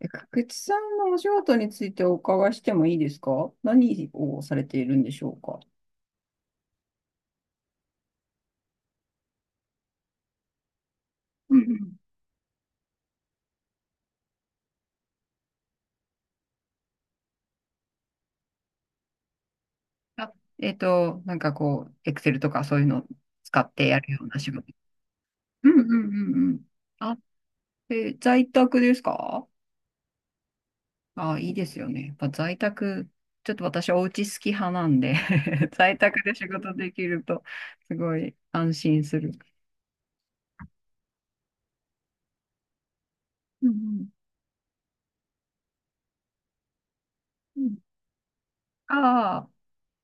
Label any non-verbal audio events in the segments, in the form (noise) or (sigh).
くつさんのお仕事についてお伺いしてもいいですか？何をされているんでしょうか？うんうん。あ、なんかこう、エクセルとかそういうのを使ってやるような仕事。うんうんうんうん。あ、在宅ですか？あ、いいですよね。やっぱ在宅、ちょっと私お家好き派なんで (laughs) 在宅で仕事できると、すごい安心する。うんうん。ああ、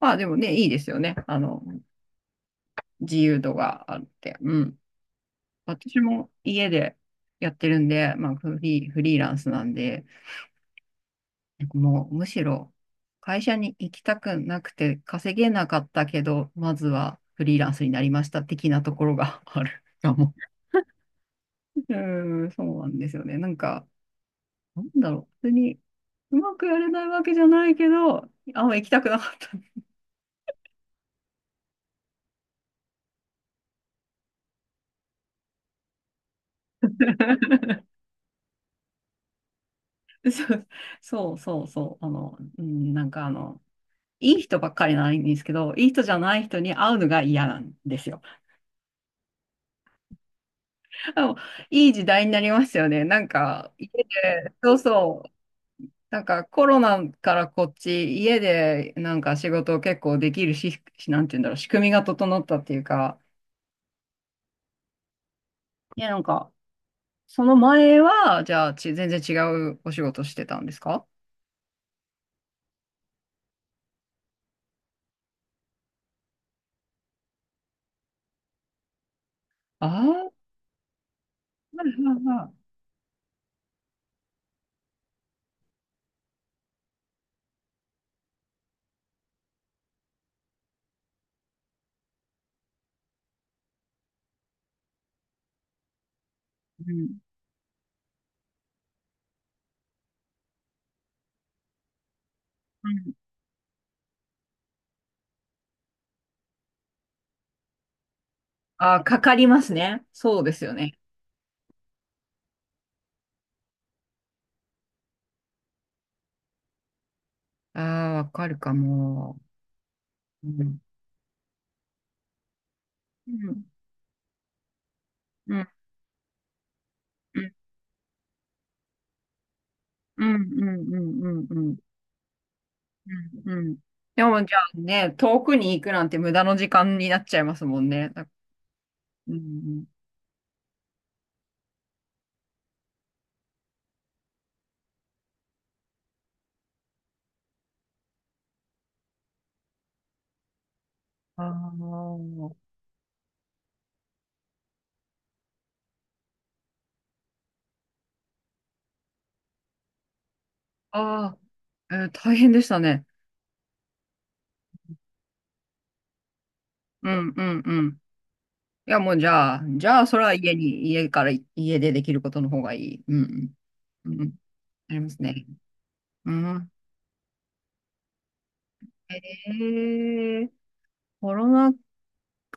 まあでもね、いいですよね。自由度があって。うん。私も家でやってるんで、まあ、フリーランスなんで、もうむしろ会社に行きたくなくて稼げなかったけど、まずはフリーランスになりました的なところがあるかも。うーん、そうなんですよね。なんか、なんだろう。別にうまくやれないわけじゃないけど、あんま行きたくなかった。(laughs) そうそうそうそう。うん、なんかあの、いい人ばっかりないんですけど、いい人じゃない人に会うのが嫌なんですよ。あ、いい時代になりますよね。なんか、家で、そうそう。なんか、コロナからこっち、家で、なんか仕事を結構できるし、なんて言うんだろう、仕組みが整ったっていうか、いや、なんか、その前は、じゃあ、全然違うお仕事してたんですか？ああー、はいはいはい。うん。うん。あー、かかりますね。そうですよね。ああ、わかるかも。うん。うん。うん。うん。うん。うん。うん。うん。うん。うんうん。でもじゃあね、遠くに行くなんて無駄の時間になっちゃいますもんね。うんうん。あああー、大変でしたね。うんうんうん。いやもうじゃあ、じゃあそれは家に、家から、家でできることの方がいい。うんうん。うん。ありますね。うん。えー、コロナ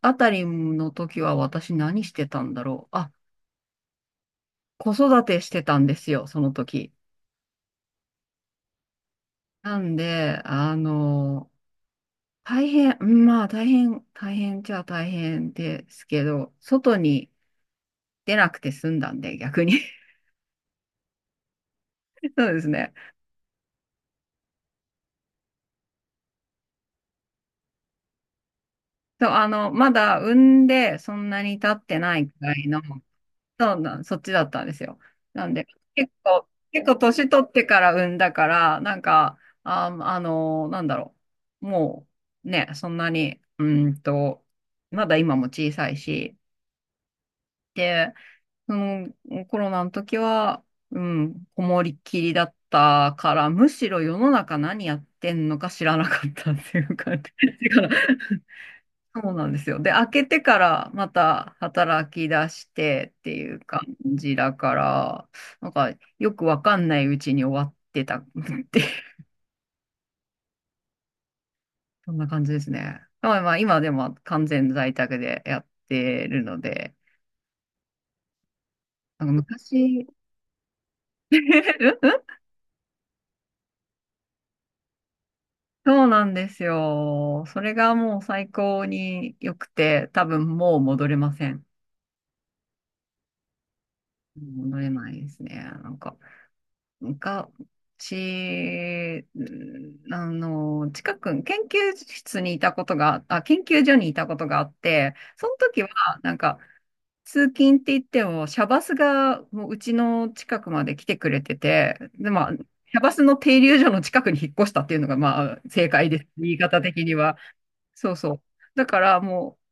あたりの時は私何してたんだろう。あ、子育てしてたんですよ、その時。なんで、大変、うんまあ大変、大変じゃあ大変ですけど、外に出なくて済んだんで、逆に。(laughs) そうですね。そう、まだ産んでそんなに経ってないくらいの、そうなん、そっちだったんですよ。なんで、結構年取ってから産んだから、なんか、あ、なんだろう。もう、ね、そんなに、まだ今も小さいし、そのコロナの時は、うん、こもりっきりだったから、むしろ世の中何やってんのか知らなかったっていう感じ (laughs) だから、そうなんですよ。で、開けてからまた働き出してっていう感じだから、なんかよくわかんないうちに終わってたっていう、(laughs) そんな感じですね。まあまあ、今でも完全在宅でやってるので、なんか昔、(laughs) そうなんですよ。それがもう最高に良くて、多分もう戻れません。戻れないですね。なんか、昔、研究所にいたことがあって、その時は、なんか、通勤って言っても、シャバスがもううちの近くまで来てくれてて、で、まあ、シャバスの停留所の近くに引っ越したっていうのが、まあ、正解です。言い方的には。そうそう。だからもう、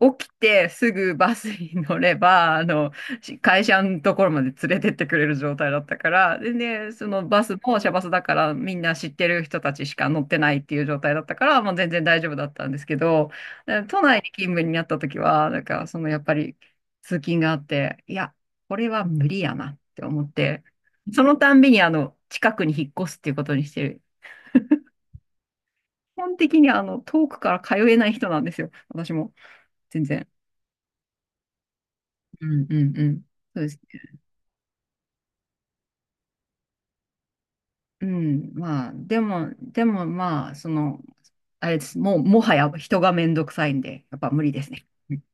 起きてすぐバスに乗れば、会社のところまで連れてってくれる状態だったから、でね、そのバスもシャバスだからみんな知ってる人たちしか乗ってないっていう状態だったから、もう全然大丈夫だったんですけど、で都内に勤務になった時は、なんかそのやっぱり通勤があって、いや、これは無理やなって思って、そのたんびに近くに引っ越すっていうことにしてる。基本的に遠くから通えない人なんですよ、私も。全然。うんうんうん。そうですね。うん。まあ、でもまあ、その、あれです。もう、もはや人がめんどくさいんで、やっぱ無理ですね。うん、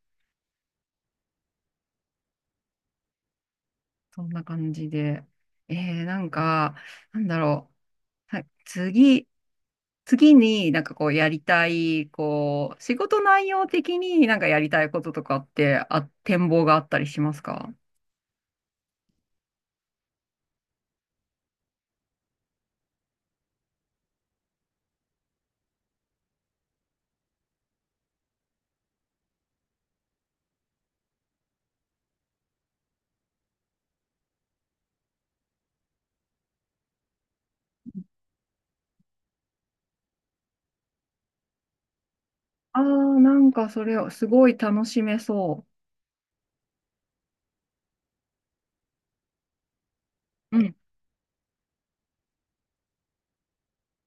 そんな感じで。えなんか、なんだろう。はい、次になんかこうやりたい、こう、仕事内容的になんかやりたいこととかって、あ、展望があったりしますか？ああー、なんかそれをすごい楽しめそう。うん。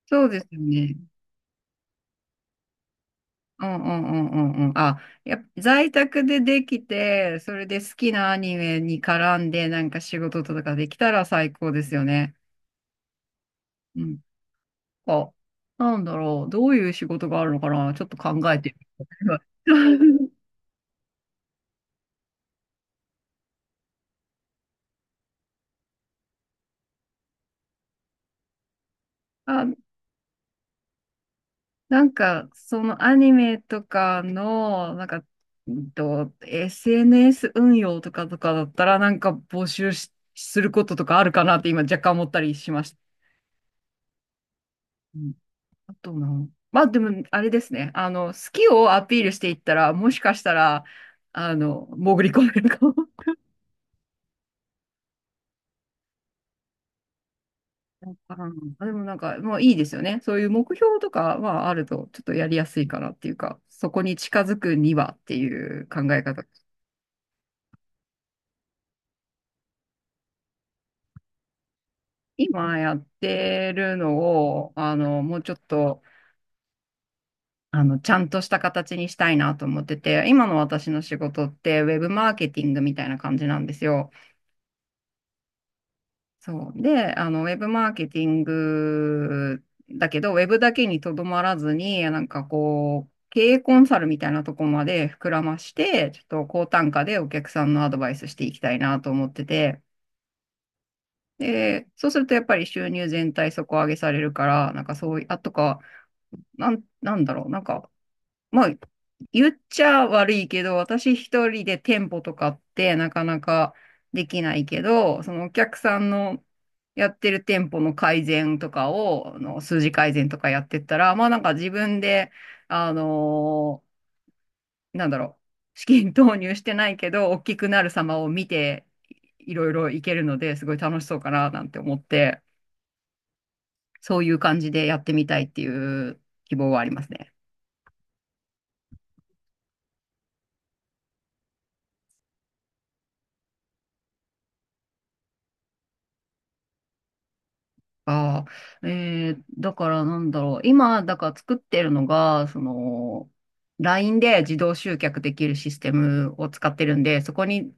そうですよね。うんうんうんうんうん。あ、やっぱ在宅でできて、それで好きなアニメに絡んで、なんか仕事とかできたら最高ですよね。うん。あ、なんだろう。どういう仕事があるのかな、ちょっと考えてみる。(laughs) あ、なんか、そのアニメとかの、なんか、SNS 運用とかだったら、なんか募集し、することとかあるかなって今若干思ったりしました。あとな、まあでも、あれですね。好きをアピールしていったら、もしかしたら、潜り込めるかも。でもなんか、もういいですよね。そういう目標とかはあると、ちょっとやりやすいかなっていうか、そこに近づくにはっていう考え方。今やってるのを、もうちょっと、ちゃんとした形にしたいなと思ってて、今の私の仕事って、ウェブマーケティングみたいな感じなんですよ。そう。で、ウェブマーケティングだけど、ウェブだけにとどまらずに、なんかこう、経営コンサルみたいなとこまで膨らまして、ちょっと高単価でお客さんのアドバイスしていきたいなと思ってて、で、そうするとやっぱり収入全体底上げされるから、なんかそういう、あとか、なんだろう、なんかまあ、言っちゃ悪いけど、私一人で店舗とかってなかなかできないけど、そのお客さんのやってる店舗の改善とかを、あの数字改善とかやってったら、まあなんか自分で、あのーなんだろう、資金投入してないけど、大きくなる様を見て、いろいろいけるので、すごい楽しそうかななんて思って、そういう感じでやってみたいっていう希望はありますね。ああ、だからなんだろう。今、だから作ってるのが、その、LINE で自動集客できるシステムを使ってるんで、そこに、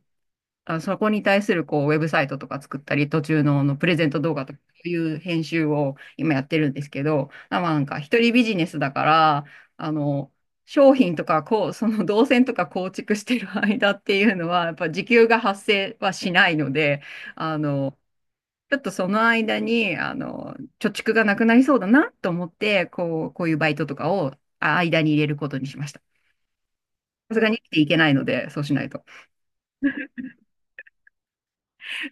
あ、そこに対するこう、ウェブサイトとか作ったり、途中の、あのプレゼント動画とか、そういう編集を今やってるんですけど、まあなんか一人ビジネスだから、あの、商品とか、こう、その動線とか構築してる間っていうのは、やっぱ時給が発生はしないので、あの、ちょっとその間に、貯蓄がなくなりそうだなと思って、こう、こういうバイトとかを間に入れることにしました。さすがに生きていけないので、そうしないと。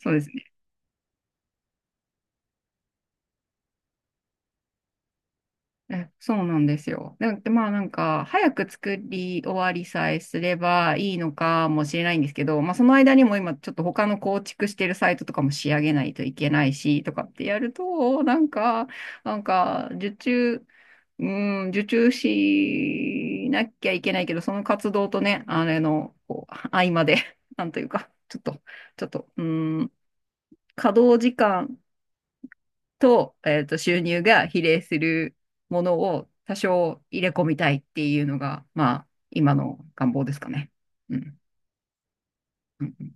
そうです。そうなんですよ。でまあなんか、早く作り終わりさえすればいいのかもしれないんですけど、まあその間にも今ちょっと他の構築してるサイトとかも仕上げないといけないし、とかってやると、なんか、うん、受注しなきゃいけないけど、その活動とね、あれの、こう、合間で、(laughs) なんというか、ちょっと、うん、稼働時間、と、収入が比例するものを多少入れ込みたいっていうのが、まあ、今の願望ですかね。うん。うん